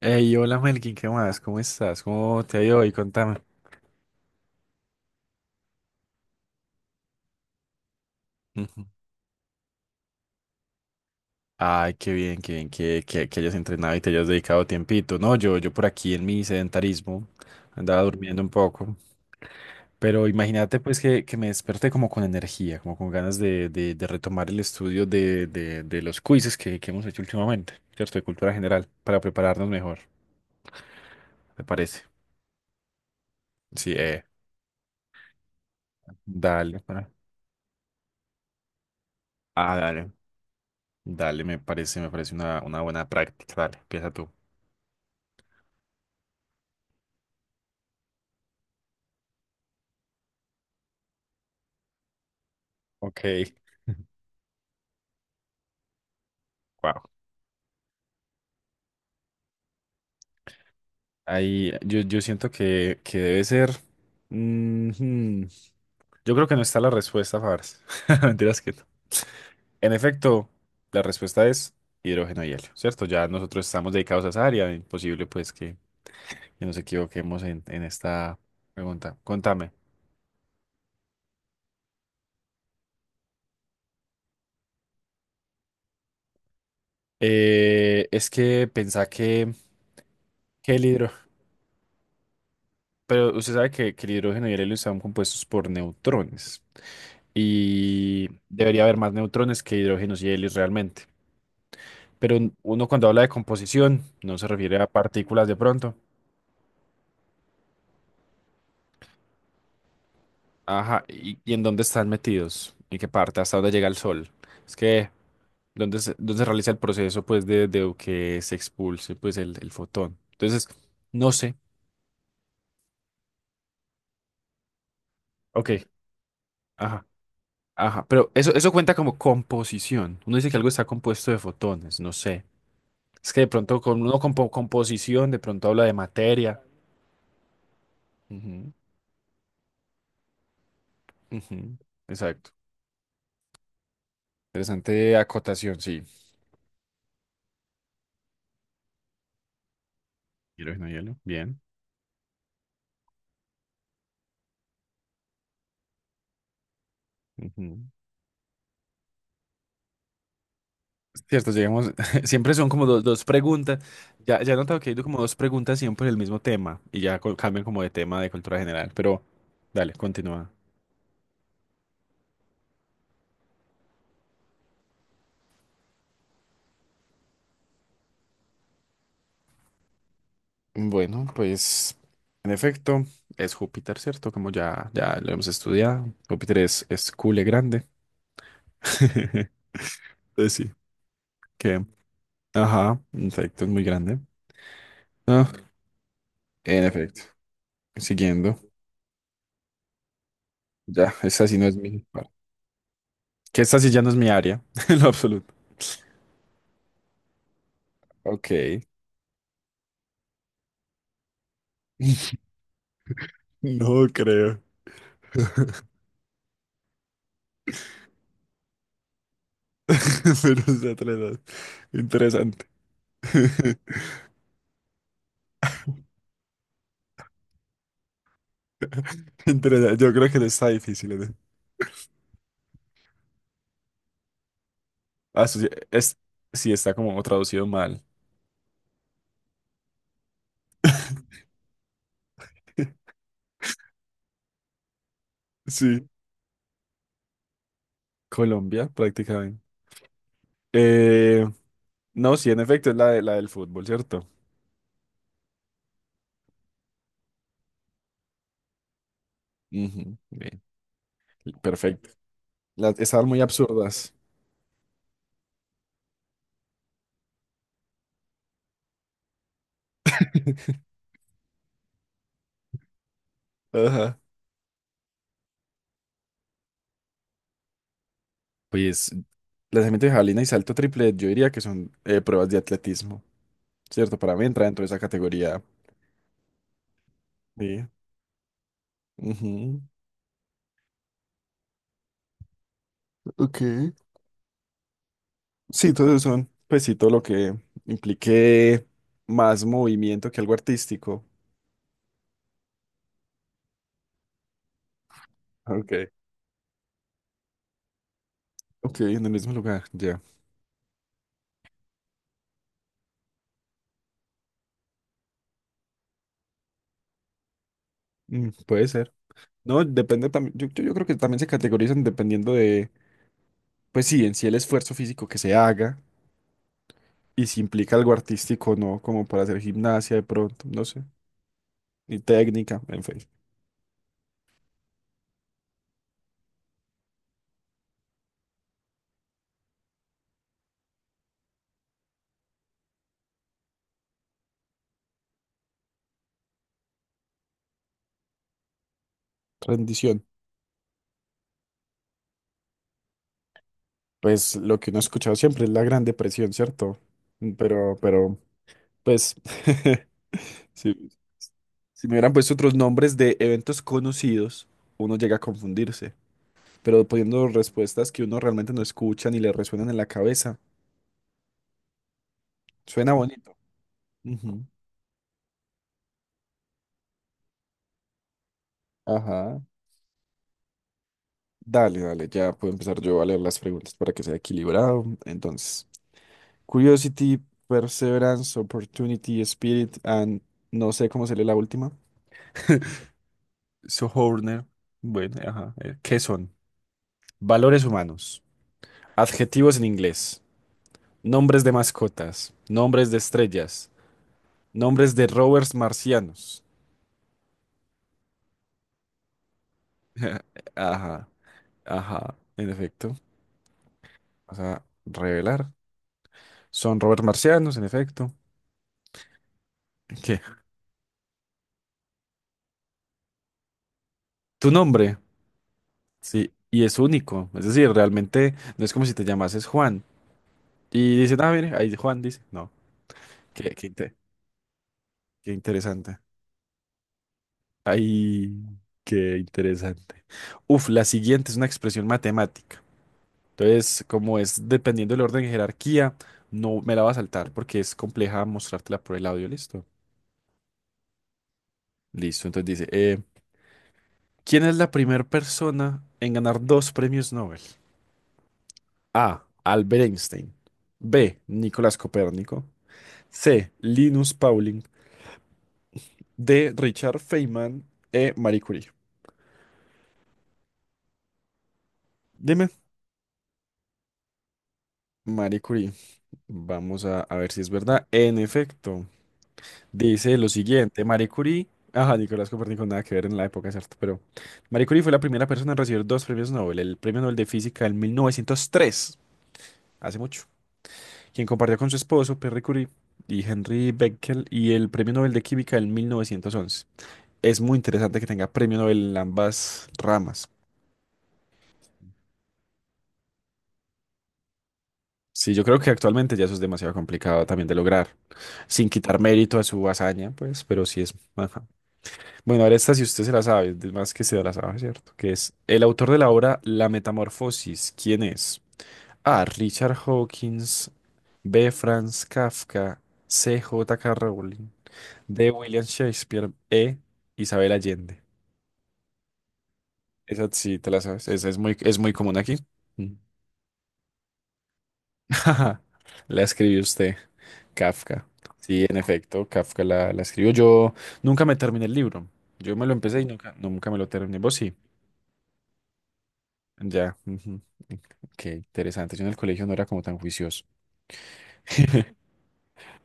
Hey, hola Melkin, ¿qué más? ¿Cómo estás? ¿Cómo te ha ido hoy? Contame. Ujú. Ay, qué bien, qué bien que hayas entrenado y te hayas dedicado tiempito. No, yo por aquí en mi sedentarismo andaba durmiendo un poco, pero imagínate pues que me desperté como con energía, como con ganas de retomar el estudio de los quizzes que hemos hecho últimamente, ¿cierto? De cultura general, para prepararnos mejor, ¿te parece? Sí, dale, para. Ah, dale. Dale, me parece una buena práctica. Dale, empieza tú. Ok. Wow. Ahí yo, yo siento que debe ser. Ujú. Yo creo que no está la respuesta, Fabres. Mentiras que no. En efecto, la respuesta es hidrógeno y helio, ¿cierto? Ya nosotros estamos dedicados a esa área, imposible pues que nos equivoquemos en esta pregunta. Contame. Es que pensá que el hidrógeno, pero usted sabe que el hidrógeno y el helio están compuestos por neutrones y debería haber más neutrones que hidrógenos y helios realmente. Pero uno cuando habla de composición no se refiere a partículas de pronto. Ajá, y en dónde están metidos? ¿En qué parte? ¿Hasta dónde llega el sol? Es que, dónde se realiza el proceso pues de que se expulse pues el fotón? Entonces, no sé. Ok, ajá, ajá. Pero eso cuenta como composición. Uno dice que algo está compuesto de fotones, no sé. Es que de pronto con uno composición, de pronto habla de materia. Ujú, ujú. Exacto. Interesante acotación, sí. Hidrógeno, hielo, bien. Ujú. Cierto, llegamos, siempre son como dos, dos preguntas. Ya, ya he notado que hay como dos preguntas siempre del mismo tema y ya cambian como de tema de cultura general, pero dale, continúa. Bueno, pues en efecto es Júpiter, ¿cierto? Como ya, ya lo hemos estudiado. Júpiter es cule grande. Pues sí. Que, ajá, en efecto, es muy grande. Ah, en efecto, siguiendo. Ya, esta sí no es mi. Bueno, que esta sí ya no es mi área, en lo absoluto. Ok. No creo. Menos de tres horas. Interesante. Interesante. Yo creo que no está difícil. ¿Eh? Ah, eso sí, es, sí, está como traducido mal. Sí, Colombia, prácticamente. Eh, no, sí, en efecto, es la, la del fútbol, ¿cierto? Ujú, bien, perfecto. Las, estaban muy absurdas. Ajá. Pues, lanzamiento de jabalina y salto triple, yo diría que son pruebas de atletismo, ¿cierto? Para mí entra dentro de esa categoría. Sí. Ujú. Ok. Sí, entonces son, pues sí, todo lo que implique más movimiento que algo artístico. Okay. Ok, en el mismo lugar, ya. Mm, puede ser. No, depende también. Yo, yo creo que también se categorizan dependiendo de, pues sí, en sí el esfuerzo físico que se haga y si implica algo artístico o no, como para hacer gimnasia de pronto, no sé, ni técnica, en fin. Rendición. Pues lo que uno ha escuchado siempre es la Gran Depresión, ¿cierto? Mm, pero, pues. Sí. Si me hubieran puesto otros nombres de eventos conocidos, uno llega a confundirse. Pero poniendo respuestas que uno realmente no escucha ni le resuenan en la cabeza. Suena bonito. Ujú. Ajá. Dale, dale, ya puedo empezar yo a leer las preguntas para que sea equilibrado. Entonces, Curiosity, Perseverance, Opportunity, Spirit, and no sé cómo se lee la última. Sojourner. Bueno, ajá. ¿Qué son? Valores humanos. Adjetivos en inglés. Nombres de mascotas, nombres de estrellas, nombres de rovers marcianos. Ajá, ajá, en efecto. Vas a revelar. Son rovers marcianos, en efecto. ¿Qué? Tu nombre, sí, y es único. Es decir, realmente no es como si te llamases Juan. Y dicen, ah, mire, ahí Juan dice. No, qué, qué, inte- qué interesante. Ay, qué interesante. Uf, la siguiente es una expresión matemática. Entonces, como es dependiendo del orden de jerarquía, no me la va a saltar porque es compleja mostrártela por el audio, ¿listo? Listo, entonces dice, ¿quién es la primera persona en ganar dos premios Nobel? A. Albert Einstein. B. Nicolás Copérnico. C. Linus Pauling. D. Richard Feynman. E. Marie Curie. Dime, Marie Curie. Vamos a ver si es verdad. En efecto, dice lo siguiente, Marie Curie, ajá, Nicolás Copérnico nada que ver en la época, ¿cierto? Pero Marie Curie fue la primera persona en recibir dos premios Nobel, el Premio Nobel de Física en 1903, hace mucho, quien compartió con su esposo, Pierre Curie, y Henry Becquerel, y el Premio Nobel de Química en 1911. Es muy interesante que tenga premio Nobel en ambas ramas. Sí, yo creo que actualmente ya eso es demasiado complicado también de lograr, sin quitar mérito a su hazaña, pues, pero sí es más. Bueno, ahora esta si usted se la sabe, es más que se la sabe, ¿cierto? Que es el autor de la obra La Metamorfosis. ¿Quién es? A. Richard Hawkins. B. Franz Kafka. C. J.K. Rowling. D. William Shakespeare. E. Isabel Allende. Esa sí te la sabes. Esa es muy común aquí. Mm. La escribió usted, Kafka. Sí, en efecto, Kafka la, la escribió. Yo nunca me terminé el libro. Yo me lo empecé y nunca, nunca me lo terminé. ¿Vos sí? Ya, ujú. Qué interesante. Yo en el colegio no era como tan juicioso.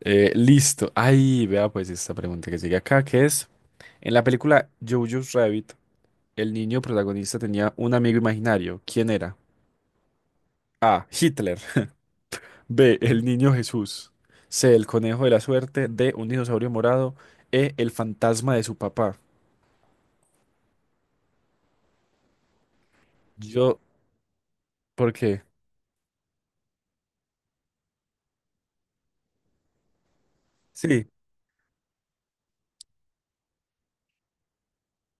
Listo. Ay, vea pues esta pregunta que sigue acá, que es, en la película Jojo's Rabbit, el niño protagonista tenía un amigo imaginario. ¿Quién era? A. Hitler. B. El niño Jesús. C. El conejo de la suerte. D. Un dinosaurio morado. E. El fantasma de su papá. Yo, ¿por qué? Sí.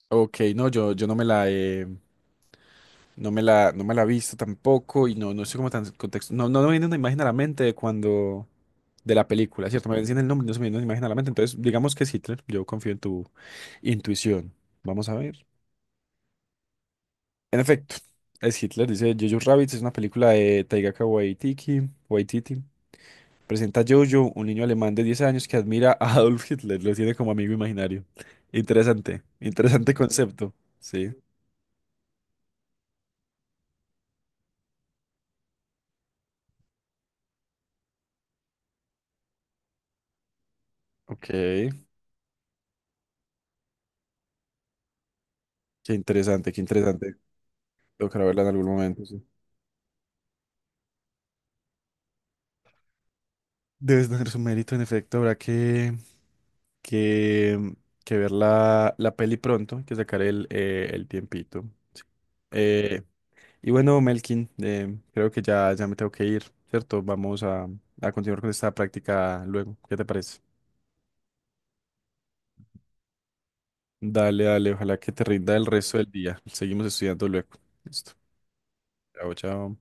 Ok, no, yo no me la he. No me la, no me la he visto tampoco y no, no sé cómo tan contexto. No, no me viene una imagen a la mente de cuando. De la película, ¿cierto? Me decían el nombre, y no se me viene una imagen a la mente. Entonces, digamos que es Hitler. Yo confío en tu intuición. Vamos a ver. En efecto, es Hitler. Dice Jojo Rabbit. Es una película de Taika Waititi. Waititi. Presenta a Jojo, un niño alemán de 10 años que admira a Adolf Hitler. Lo tiene como amigo imaginario. Interesante. Interesante concepto. Sí. Ok. Qué interesante, qué interesante. Tocará verla en algún momento. Sí. Debes tener su mérito, en efecto, habrá que, que ver la, la peli pronto, hay que sacar el tiempito. Sí. Eh, y bueno, Melkin, creo que ya, ya me tengo que ir, ¿cierto? Vamos a continuar con esta práctica luego. ¿Qué te parece? Dale, dale, ojalá que te rinda el resto del día. Seguimos estudiando luego. Listo. Chao, chao.